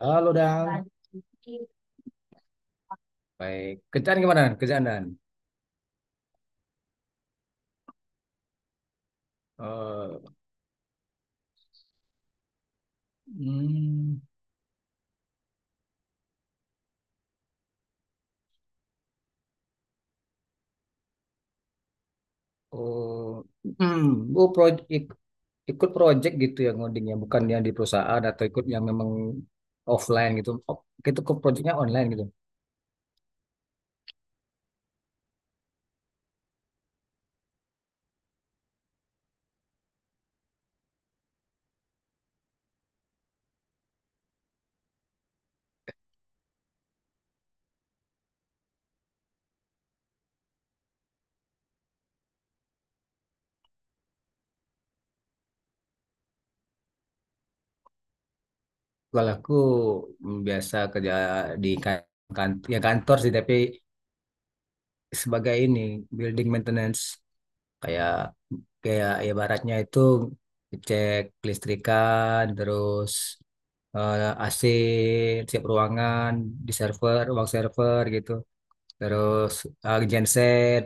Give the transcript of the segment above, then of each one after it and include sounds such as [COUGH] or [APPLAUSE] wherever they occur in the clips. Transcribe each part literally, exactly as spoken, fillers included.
Halo Dang. Baik. Kerjaan gimana? Dan? Kerjaan Dan. Eh, hmm, oh, hmm, bu proyek ik- Ikut proyek gitu ya ngodingnya, bukan yang di perusahaan atau ikut yang memang offline gitu. Oh, gitu, ke proyeknya online gitu. Kalau aku hmm, biasa kerja di kantor, ya kantor sih, tapi sebagai ini building maintenance kayak kayak ya baratnya itu cek kelistrikan terus eh, A C, siap ruangan, di server ruang server gitu, terus eh, genset,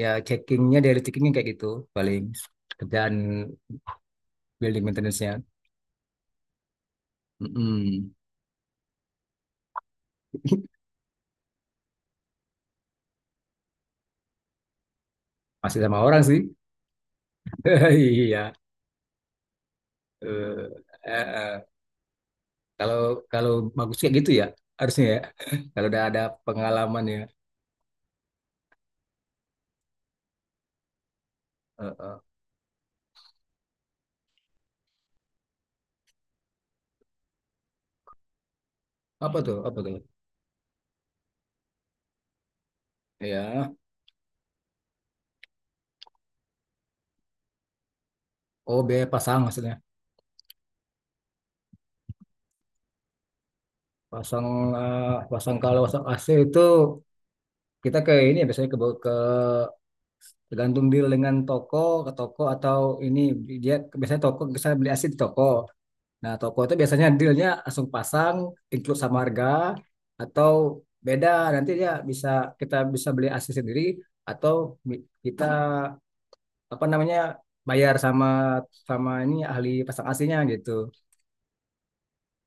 ya checkingnya dari checkingnya kayak gitu, paling kerjaan building maintenance-nya. Mm-mm. Masih sama orang sih. [LAUGHS] Iya. Eh, eh, eh. Kalau kalau bagus kayak gitu ya, harusnya ya, [LAUGHS] kalau udah ada pengalaman ya. Eh, eh. Apa tuh, apa tuh? Ya, oh, biaya pasang maksudnya. Pasang eh, pasang, kalau pasang A C itu kita ke ini, ya biasanya ke, ke, tergantung deal dengan toko, ke toko atau ini, dia biasanya toko, bisa beli A C di toko. Nah, toko itu biasanya dealnya langsung pasang, include sama harga, atau beda, nanti dia bisa, kita bisa beli A C sendiri atau bi- kita apa namanya, bayar sama sama ini ahli pasang A C-nya gitu.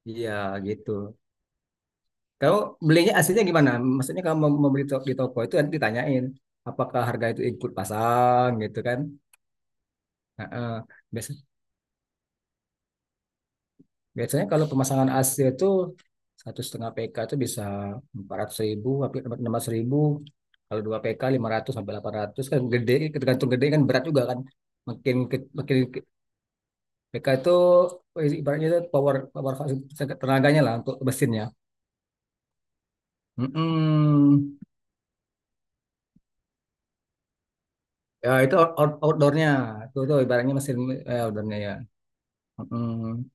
Iya, gitu. Kau belinya aslinya gimana? Maksudnya kalau mau, mau beli to- di toko itu nanti ditanyain apakah harga itu ikut pasang gitu kan? Nah, eh, biasa- biasanya kalau pemasangan A C itu satu setengah P K itu bisa empat ratus ribu, hampir enam ratus ribu. Kalau dua P K, ratus sampai delapan ratus kan gede, tergantung gede kan berat juga kan. Makin ke- makin ke- P K itu eh, ibaratnya itu power power tenaganya lah untuk mesinnya. Mm-mm. Ya itu out- out- outdoornya, tuh tuh ibaratnya mesin eh, outdoornya ya. Mm.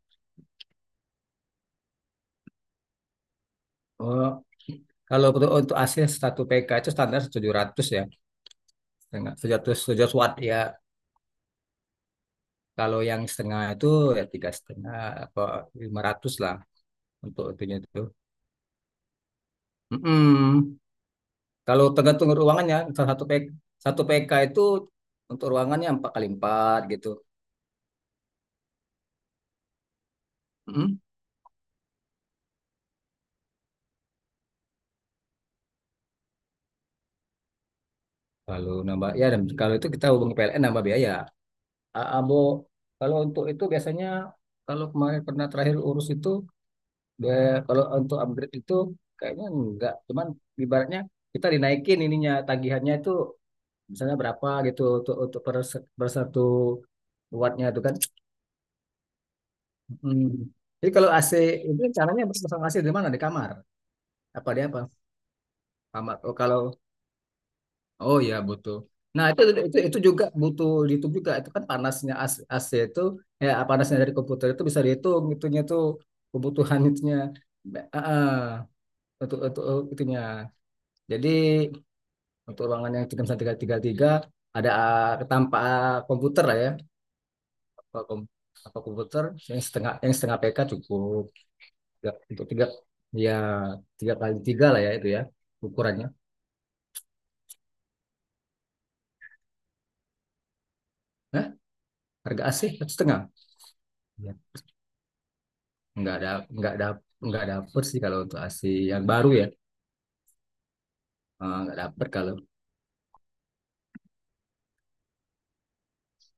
Oh, kalau untuk untuk asli satu P K itu standar tujuh ratus ya, setengah tujuh ratus, tujuh ratus watt ya. Kalau yang setengah itu ya tiga setengah, apa, lima ratus lah untuk itunya itu. Mm-mm. Kalau tergantung ruangannya, salah satu P K, satu P K itu untuk ruangannya empat kali empat gitu. Mm. Kalau nambah ya, dan kalau itu kita hubungi P L N, nambah biaya. A- Abo Kalau untuk itu biasanya, kalau kemarin pernah terakhir urus itu, dia, kalau untuk upgrade itu kayaknya enggak, cuman ibaratnya kita dinaikin ininya, tagihannya itu misalnya berapa gitu, untuk untuk per, se- per satu wattnya itu kan. Hmm. Jadi kalau A C itu caranya pasang A C di mana? Di kamar? Apa di apa? Kamar. Oh, kalau, oh ya butuh. Nah, itu itu itu juga butuh dihitung juga. Itu kan panasnya A C, A C itu, ya panasnya dari komputer itu bisa dihitung itunya tuh, kebutuhan itunya. Eh, eh, untuk untuk itunya. Jadi untuk ruangan yang tiga tiga tiga tiga, ada eh, tanpa komputer lah ya, tanpa, kom- tanpa komputer, yang setengah, yang setengah P K cukup untuk tiga, ya tiga kali tiga lah ya itu ya ukurannya. Hah? Harga A C satu setengah? Ya. Nggak ada nggak ada nggak dapet sih kalau untuk A C yang baru ya. Eh, nggak dapet kalau,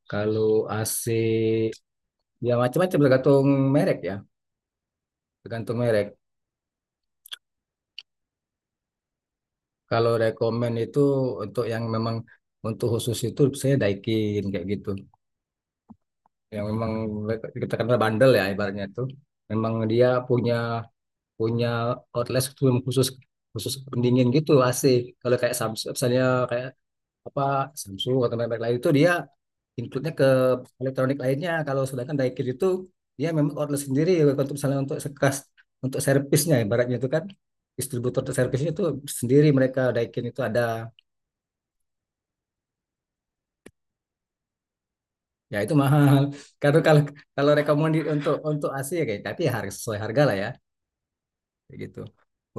kalau A C ya macam-macam tergantung merek ya, tergantung merek. Kalau rekomend itu untuk yang memang untuk khusus itu saya Daikin kayak gitu, yang memang like, kita kenal bandel ya ibaratnya itu, memang dia punya punya outlet khusus, khusus pendingin gitu A C. Kalau kayak Samsung misalnya, kayak apa, Samsung atau merek lain itu dia include-nya ke elektronik lainnya, kalau sedangkan Daikin itu dia memang outlet sendiri, untuk misalnya untuk sekas, untuk servisnya ibaratnya itu kan, distributor untuk servisnya itu sendiri, mereka Daikin itu ada. Ya itu mahal, [LAUGHS] karena kalau, kalau rekomendasi untuk untuk A C ya kayak, tapi ya harga sesuai harga lah ya, kayak gitu.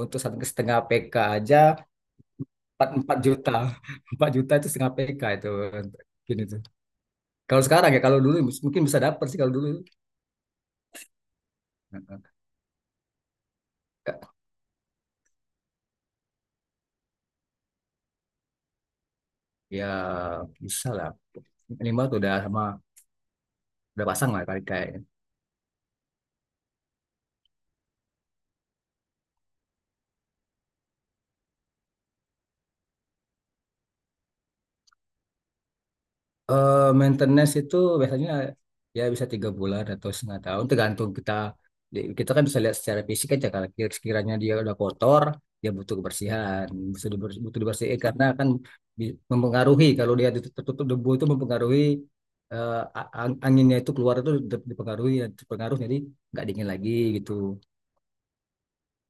Untuk satu setengah P K aja empat empat juta. [LAUGHS] Empat juta itu setengah P K itu gini tuh. Kalau sekarang ya, kalau dulu mungkin bisa dapat sih kalau dulu. Ya bisa lah. Minimal tuh udah sama, udah pasang lah kayak kayak Eh, maintenance itu biasanya ya bisa tiga bulan atau setengah tahun, tergantung kita di- kita kan bisa lihat secara fisik aja, kalau kira- sekiranya dia udah kotor, dia butuh kebersihan, butuh diber- butuh dibersihin, karena kan bi- mempengaruhi, kalau dia ditutup- tertutup debu itu mempengaruhi, eh, a- ang- anginnya itu keluar itu di- dipengaruhi ya, terpengaruh, jadi nggak dingin lagi gitu.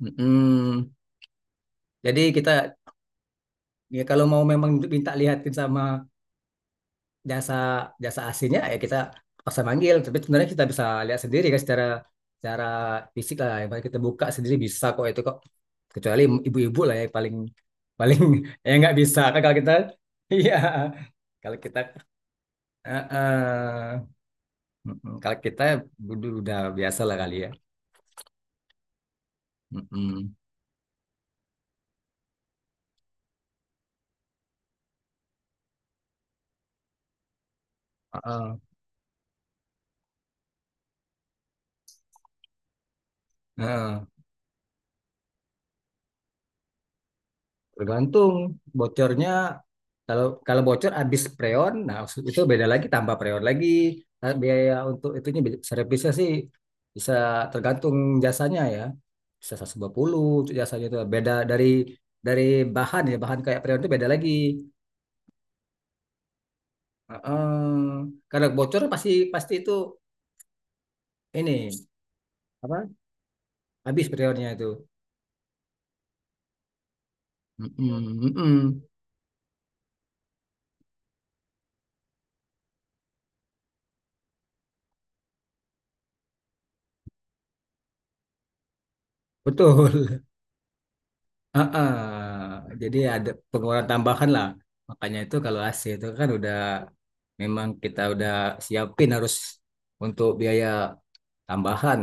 Mm-mm. Jadi kita, ya kalau mau memang minta lihatin sama jasa, jasa aslinya ya kita paksa manggil, tapi sebenarnya kita bisa lihat sendiri kan secara secara fisik lah, yang paling kita buka sendiri bisa kok itu kok, kecuali ibu-ibu lah ya paling paling [LAUGHS] ya nggak bisa kan kalau kita. [LAUGHS] Iya, kalau kita eh, eh, mm, mm. kalau kita udah, udah biasa lah kali ya. Mm, mm. Heeh. Heeh. Tergantung bocornya, kalau, kalau bocor habis preon, nah itu beda lagi, tambah preon lagi. Nah, biaya untuk itunya beda-, servisnya sih bisa tergantung jasanya ya. Bisa seratus lima puluh untuk jasanya, itu beda dari dari bahan ya, bahan kayak preon itu beda lagi. Heeh. Karena bocor pasti, pasti itu ini apa? Habis preonnya itu. Mm-mm, mm-mm. Betul. Heeh. Jadi ada pengeluaran tambahan lah. Makanya itu kalau A C itu kan udah, memang kita udah siapin harus untuk biaya tambahan.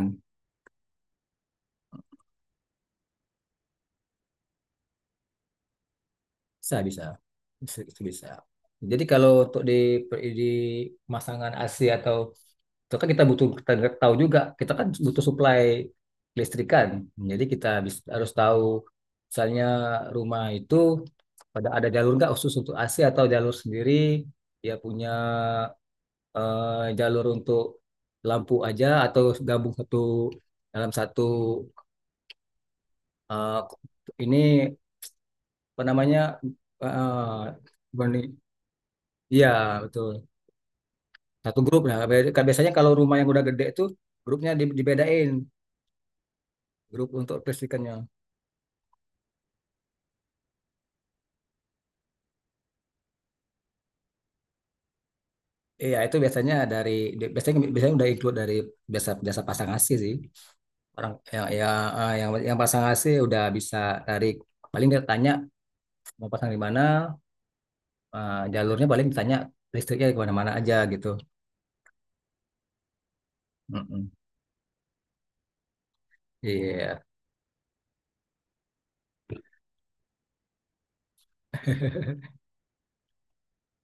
Bisa, bisa. Bisa, itu bisa. Jadi kalau untuk di di pemasangan A C atau itu kan kita butuh, kita tahu juga, kita kan butuh supply listrikan. Jadi kita bis- harus tahu misalnya rumah itu pada ada jalur nggak khusus untuk A C atau jalur sendiri, dia punya eh, jalur untuk lampu aja atau gabung satu dalam satu eh, ini apa namanya eh, iya betul, satu grup ya. Kayak biasanya kalau rumah yang udah gede itu grupnya di- dibedain grup untuk listrikannya. Iya, itu biasanya dari biasanya biasanya udah include dari biasa biasa pasang A C sih, orang yang yang eh, yang, yang pasang A C udah bisa tarik, paling dia tanya mau pasang di mana, eh, jalurnya paling tanya listriknya kemana-mana aja gitu. Mm-mm. Iya.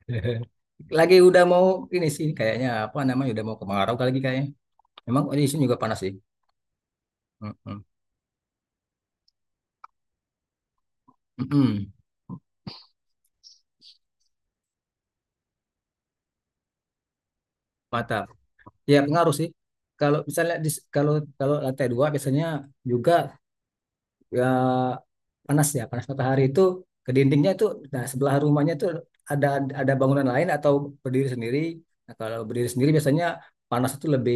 [LAUGHS] Lagi udah mau ini sih kayaknya apa namanya, udah mau kemarau kali lagi kayaknya. Memang di sini juga panas sih. Mm-mm. Mm-mm. Mantap. Ya pengaruh sih. Kalau misalnya di, kalau, kalau lantai dua biasanya juga ya, panas ya, panas matahari itu ke dindingnya itu, nah sebelah rumahnya itu ada ada bangunan lain atau berdiri sendiri, nah, kalau berdiri sendiri biasanya panas itu lebih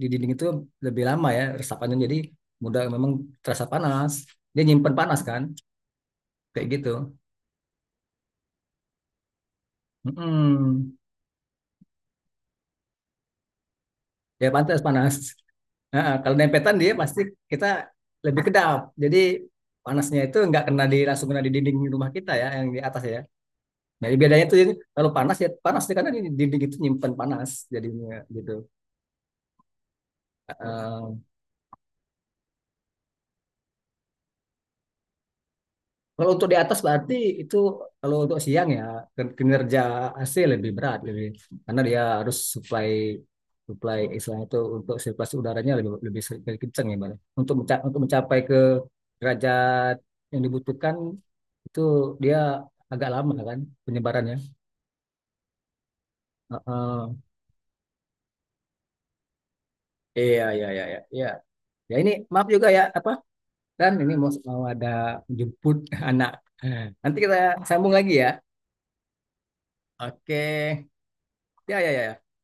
di dinding itu lebih lama ya resapannya, jadi mudah memang terasa panas, dia nyimpen panas kan, kayak gitu. Mm-mm. Ya pantas panas. Nah, kalau dempetan dia pasti kita lebih kedap, jadi panasnya itu nggak kena, di langsung kena di dinding rumah kita ya yang di atas ya. Nah, bedanya tuh, kalau panas ya panas dia, karena ini dinding itu nyimpan panas jadinya gitu. Eh, Kalau untuk di atas berarti itu, kalau untuk siang ya kin- kinerja A C lebih berat lebih, karena dia harus supply supply istilahnya itu untuk sirkulasi udaranya lebih lebih, se- lebih kencang ya Mbak. Untuk menca- untuk mencapai ke derajat yang dibutuhkan itu, dia agak lama kan penyebarannya. Eh, eh. Iya, iya, iya, iya, iya. Ya ini maaf juga ya apa, Dan ini mau, mau ada jemput [LAUGHS] anak. Nanti kita sambung lagi ya. Oke. Ya, ya, ya.